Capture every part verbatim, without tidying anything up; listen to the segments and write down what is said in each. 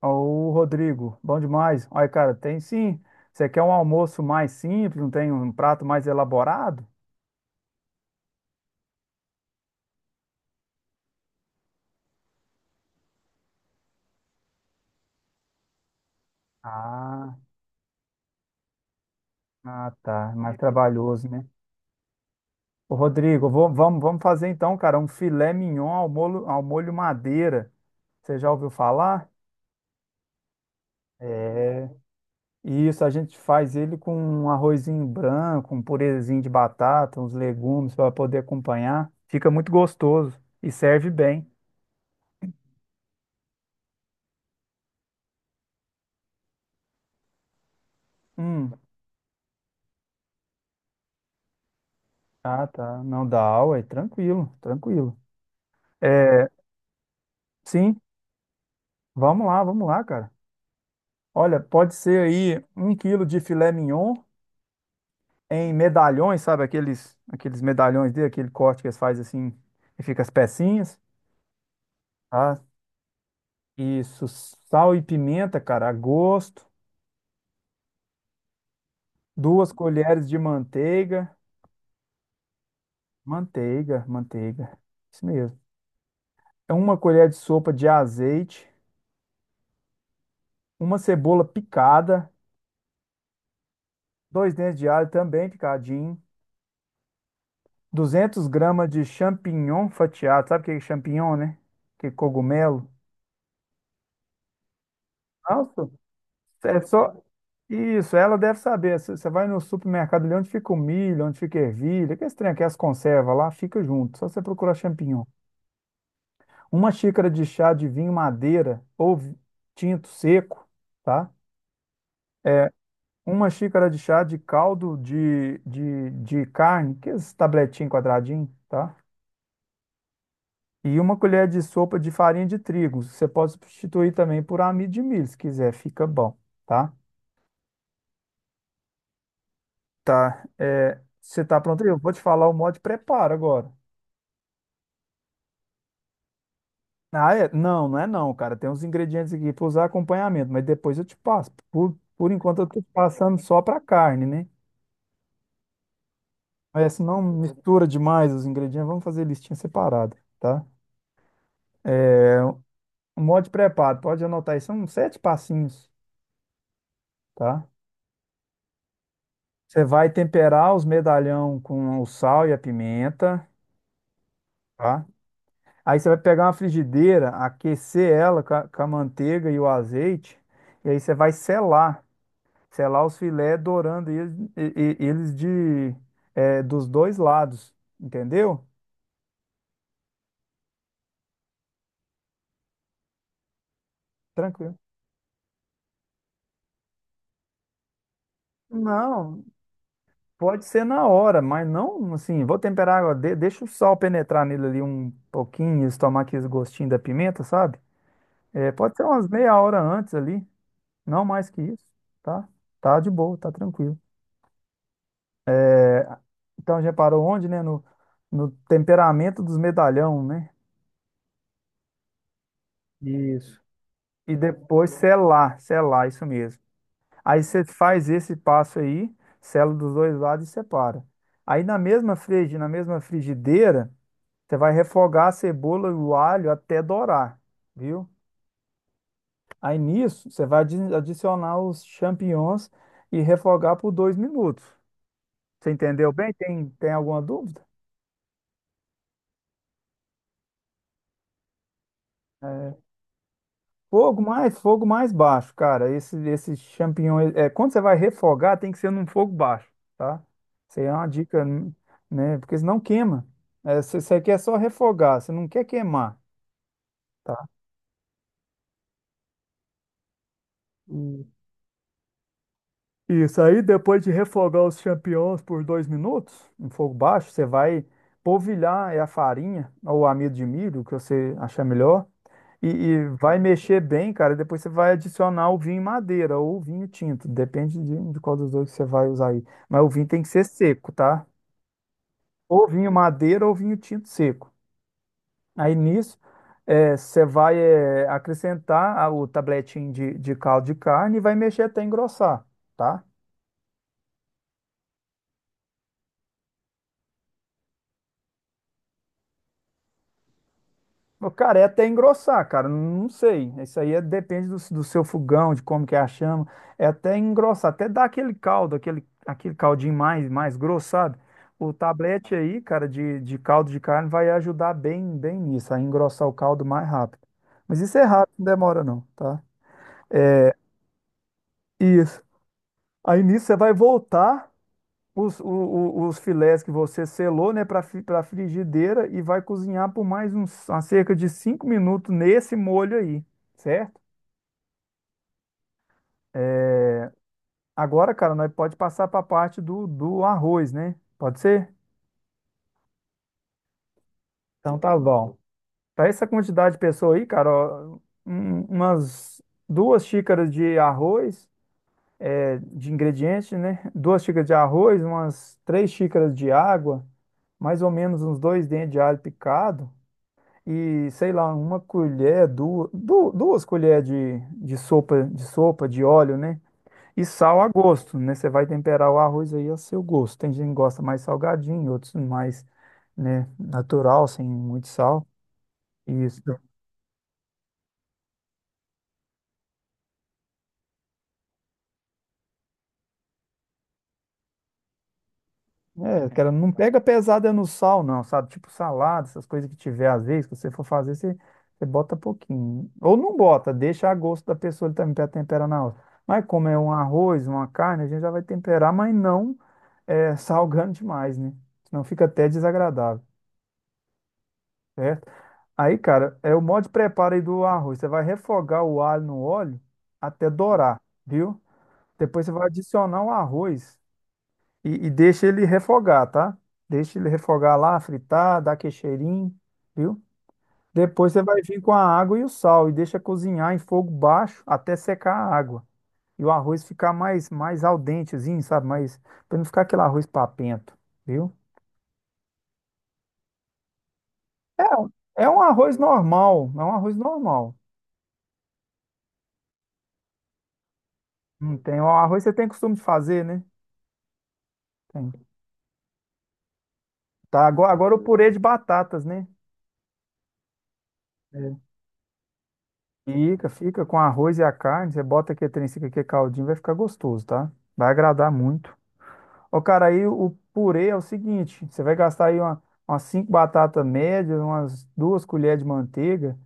Ô, Rodrigo, bom demais. Olha, cara, tem sim. Você quer um almoço mais simples, não tem um prato mais elaborado? Ah, ah, tá, é mais trabalhoso, né? Ô, Rodrigo, vou- vamos, vamos fazer então, cara, um filé mignon ao molho, ao molho madeira. Você já ouviu falar? Isso, a gente faz ele com um arrozinho branco, um purezinho de batata, uns legumes para poder acompanhar. Fica muito gostoso e serve bem. Hum, ah, tá, não dá aula, é tranquilo, tranquilo. É, sim, vamos lá, vamos lá, cara. Olha, pode ser aí um quilo de filé mignon em medalhões, sabe? Aqueles, aqueles medalhões dele, aquele corte que eles fazem assim e fica as pecinhas, tá? Isso, sal e pimenta, cara, a gosto. Duas colheres de manteiga. Manteiga, manteiga. Isso mesmo. É uma colher de sopa de azeite, uma cebola picada, dois dentes de alho também picadinho. 200 gramas de champignon fatiado. Sabe o que é champignon, né? Que é cogumelo. Nossa, é só isso. Ela deve saber. Você você vai no supermercado ali onde fica o milho, onde fica a ervilha, que é estranho, que as conservas lá, fica junto. Só você procurar champignon. Uma xícara de chá de vinho madeira ou vi- tinto seco, tá? Uma xícara de chá de caldo de, de, de carne, que é esse tabletinho quadradinho, tá? E uma colher de sopa de farinha de trigo. Você pode substituir também por amido de milho, se quiser, fica bom, tá? Tá. É, você tá pronto aí? Eu vou te falar o modo de preparo agora. Ah, é? Não, não é não, cara. Tem uns ingredientes aqui para usar acompanhamento, mas depois eu te passo. Por, por enquanto eu tô te passando só para carne, né? Mas se não mistura demais os ingredientes, vamos fazer listinha separada, tá? O modo de preparo, pode anotar aí, são sete passinhos, tá? Você vai temperar os medalhão com o sal e a pimenta. Tá? Aí você vai pegar uma frigideira, aquecer ela com a, com a manteiga e o azeite, e aí você vai selar, selar os filés, dourando eles, e- e- eles de, é, dos dois lados, entendeu? Tranquilo. Não, pode ser na hora, mas não assim, vou temperar agora, de- deixa o sal penetrar nele ali um pouquinho, eles tomar aquele gostinho da pimenta, sabe? É, pode ser umas meia hora antes ali, não mais que isso, tá? Tá de boa, tá tranquilo. Então, já parou onde, né? No, no temperamento dos medalhão, né? Isso. E depois selar, selar, isso mesmo. Aí você faz esse passo aí, sela dos dois lados e separa. Aí na mesma frigi, na mesma frigideira, você vai refogar a cebola e o alho até dourar, viu? Aí nisso, você vai adi- adicionar os champignons e refogar por dois minutos. Você entendeu bem? Tem, tem alguma dúvida? Fogo mais, fogo mais baixo, cara. Esse, esse champignon, é, quando você vai refogar, tem que ser num fogo baixo, tá? Isso aí é uma dica, né? Porque senão queima. É, você você quer só refogar, você não quer queimar, tá? Isso aí, depois de refogar os champignons por dois minutos, em fogo baixo, você vai polvilhar é a farinha ou amido de milho, o que você achar melhor, e, e vai mexer bem, cara. E depois você vai adicionar o vinho em madeira ou o vinho tinto, depende de, de qual dos dois que você vai usar aí. Mas o vinho tem que ser seco, tá? Ou vinho madeira ou vinho tinto seco. Aí nisso, é, você vai é, acrescentar a- o tabletinho de, de caldo de carne e vai mexer até engrossar, tá? Ô, cara, é até engrossar, cara. Não sei. Isso aí é- depende do, do seu fogão, de como que é a chama. É até engrossar, até dar aquele caldo, aquele, aquele caldinho mais, mais grosso, sabe? O tablete aí, cara, de, de caldo de carne vai ajudar bem, bem nisso, a engrossar o caldo mais rápido. Mas isso é rápido, não demora não, tá? Isso. Aí nisso você vai voltar os, o- o- os filés que você selou, né, para para frigideira e vai cozinhar por mais uns, a cerca de cinco minutos nesse molho aí, certo? Agora, cara, nós pode passar para a parte do, do arroz, né? Pode ser? Então tá bom. Para essa quantidade de pessoa aí, cara, ó, um- umas duas xícaras de arroz, é, de ingrediente, né? Duas xícaras de arroz, umas três xícaras de água, mais ou menos uns dois dentes de alho picado e, sei lá, uma colher, duas, duas, colheres de, de sopa, de sopa de óleo, né? E sal a gosto, né? Você vai temperar o arroz aí a seu gosto. Tem gente que gosta mais salgadinho, outros mais, né, natural, sem muito sal. Isso. É, cara, não pega pesada no sal, não, sabe? Tipo salada, essas coisas que tiver às vezes, que você for fazer, você, você bota pouquinho. Ou não bota, deixa a gosto da pessoa ele também para temperar na hora. Mas como é um arroz, uma carne, a gente já vai temperar, mas não é, salgando demais, né? Senão fica até desagradável. Certo? Aí, cara, é o modo de preparo aí do arroz. Você vai refogar o alho no óleo até dourar, viu? Depois você vai adicionar o arroz e, e deixa ele refogar, tá? Deixa ele refogar lá, fritar, dar aquele cheirinho, viu? Depois você vai vir com a água e o sal e deixa cozinhar em fogo baixo até secar a água. E o arroz ficar mais, mais al dentezinho, sabe? Mas para não ficar aquele arroz papento, viu? É, é um arroz normal, é um arroz normal. Não tem, o arroz você tem costume de fazer, né? Tem. Tá, agora, agora o purê de batatas, né? É. Fica, fica com arroz e a carne. Você bota aqui trem, fica aqui caldinho, vai ficar gostoso, tá? Vai agradar muito. Ó, cara, aí o purê é o seguinte: você vai gastar aí uma, umas cinco batatas médias, umas duas colheres de manteiga.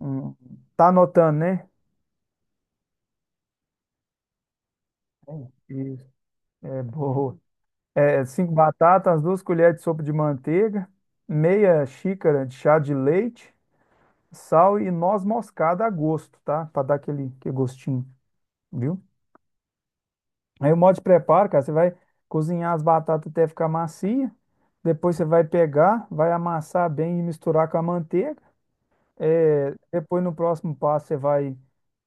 um- tá anotando, né? É. Isso. É boa. É, cinco batatas, umas duas colheres de sopa de manteiga, meia xícara de chá de leite, sal e noz moscada a gosto, tá? Pra dar aquele, aquele gostinho. Viu? Aí o modo de preparo, cara, você vai cozinhar as batatas até ficar macia, depois você vai pegar, vai amassar bem e misturar com a manteiga. É, depois no próximo passo você vai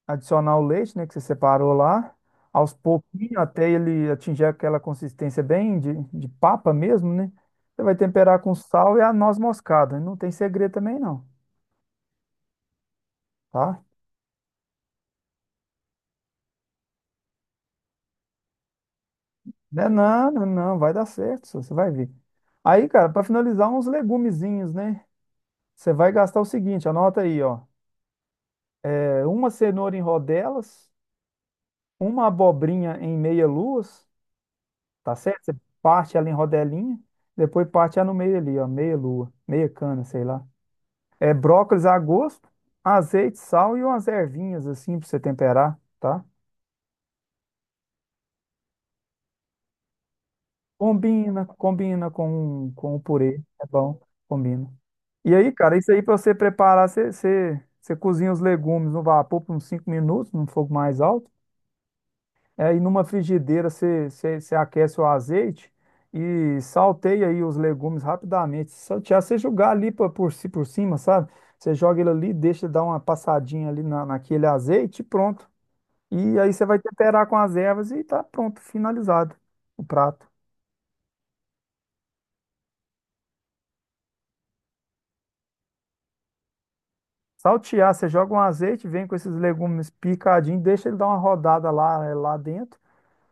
adicionar o leite, né, que você separou lá, aos pouquinhos até ele atingir aquela consistência bem de, de papa mesmo, né? Você vai temperar com sal e a noz moscada. Não tem segredo também não, tá? Não, é não, não, não, vai dar certo, só, você vai ver. Aí, cara, para finalizar uns legumezinhos, né? Você vai gastar o seguinte, anota aí, ó. É, uma cenoura em rodelas, uma abobrinha em meia-luas, tá certo? Você parte ela em rodelinha, depois parte ela no meio ali, ó, meia-lua, meia cana, sei lá. É brócolis a gosto, azeite, sal e umas ervinhas assim pra você temperar, tá? Combina, combina com, com o purê, é bom, combina. E aí, cara, isso aí pra você preparar, você, você, você cozinha os legumes no vapor por uns cinco minutos, num fogo mais alto. É, e numa frigideira você você- você aquece o azeite e salteia aí os legumes rapidamente. Se saltear, você jogar ali por, por, ci- por cima, sabe? Você joga ele ali, deixa dar uma passadinha ali na, naquele azeite e pronto. E aí você vai temperar com as ervas e tá pronto, finalizado o prato. Saltear, você joga um azeite, vem com esses legumes picadinhos, deixa ele dar uma rodada lá, é, lá dentro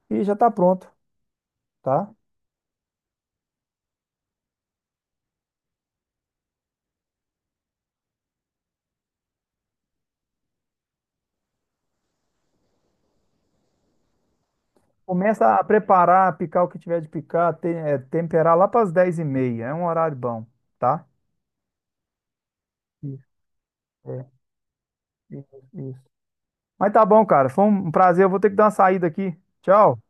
e já tá pronto, tá? Começa a preparar, picar o que tiver de picar, te- é, temperar lá para as dez e meia. É um horário bom, tá? Isso, é, isso, isso. Mas tá bom, cara. Foi um prazer. Eu vou ter que dar uma saída aqui. Tchau.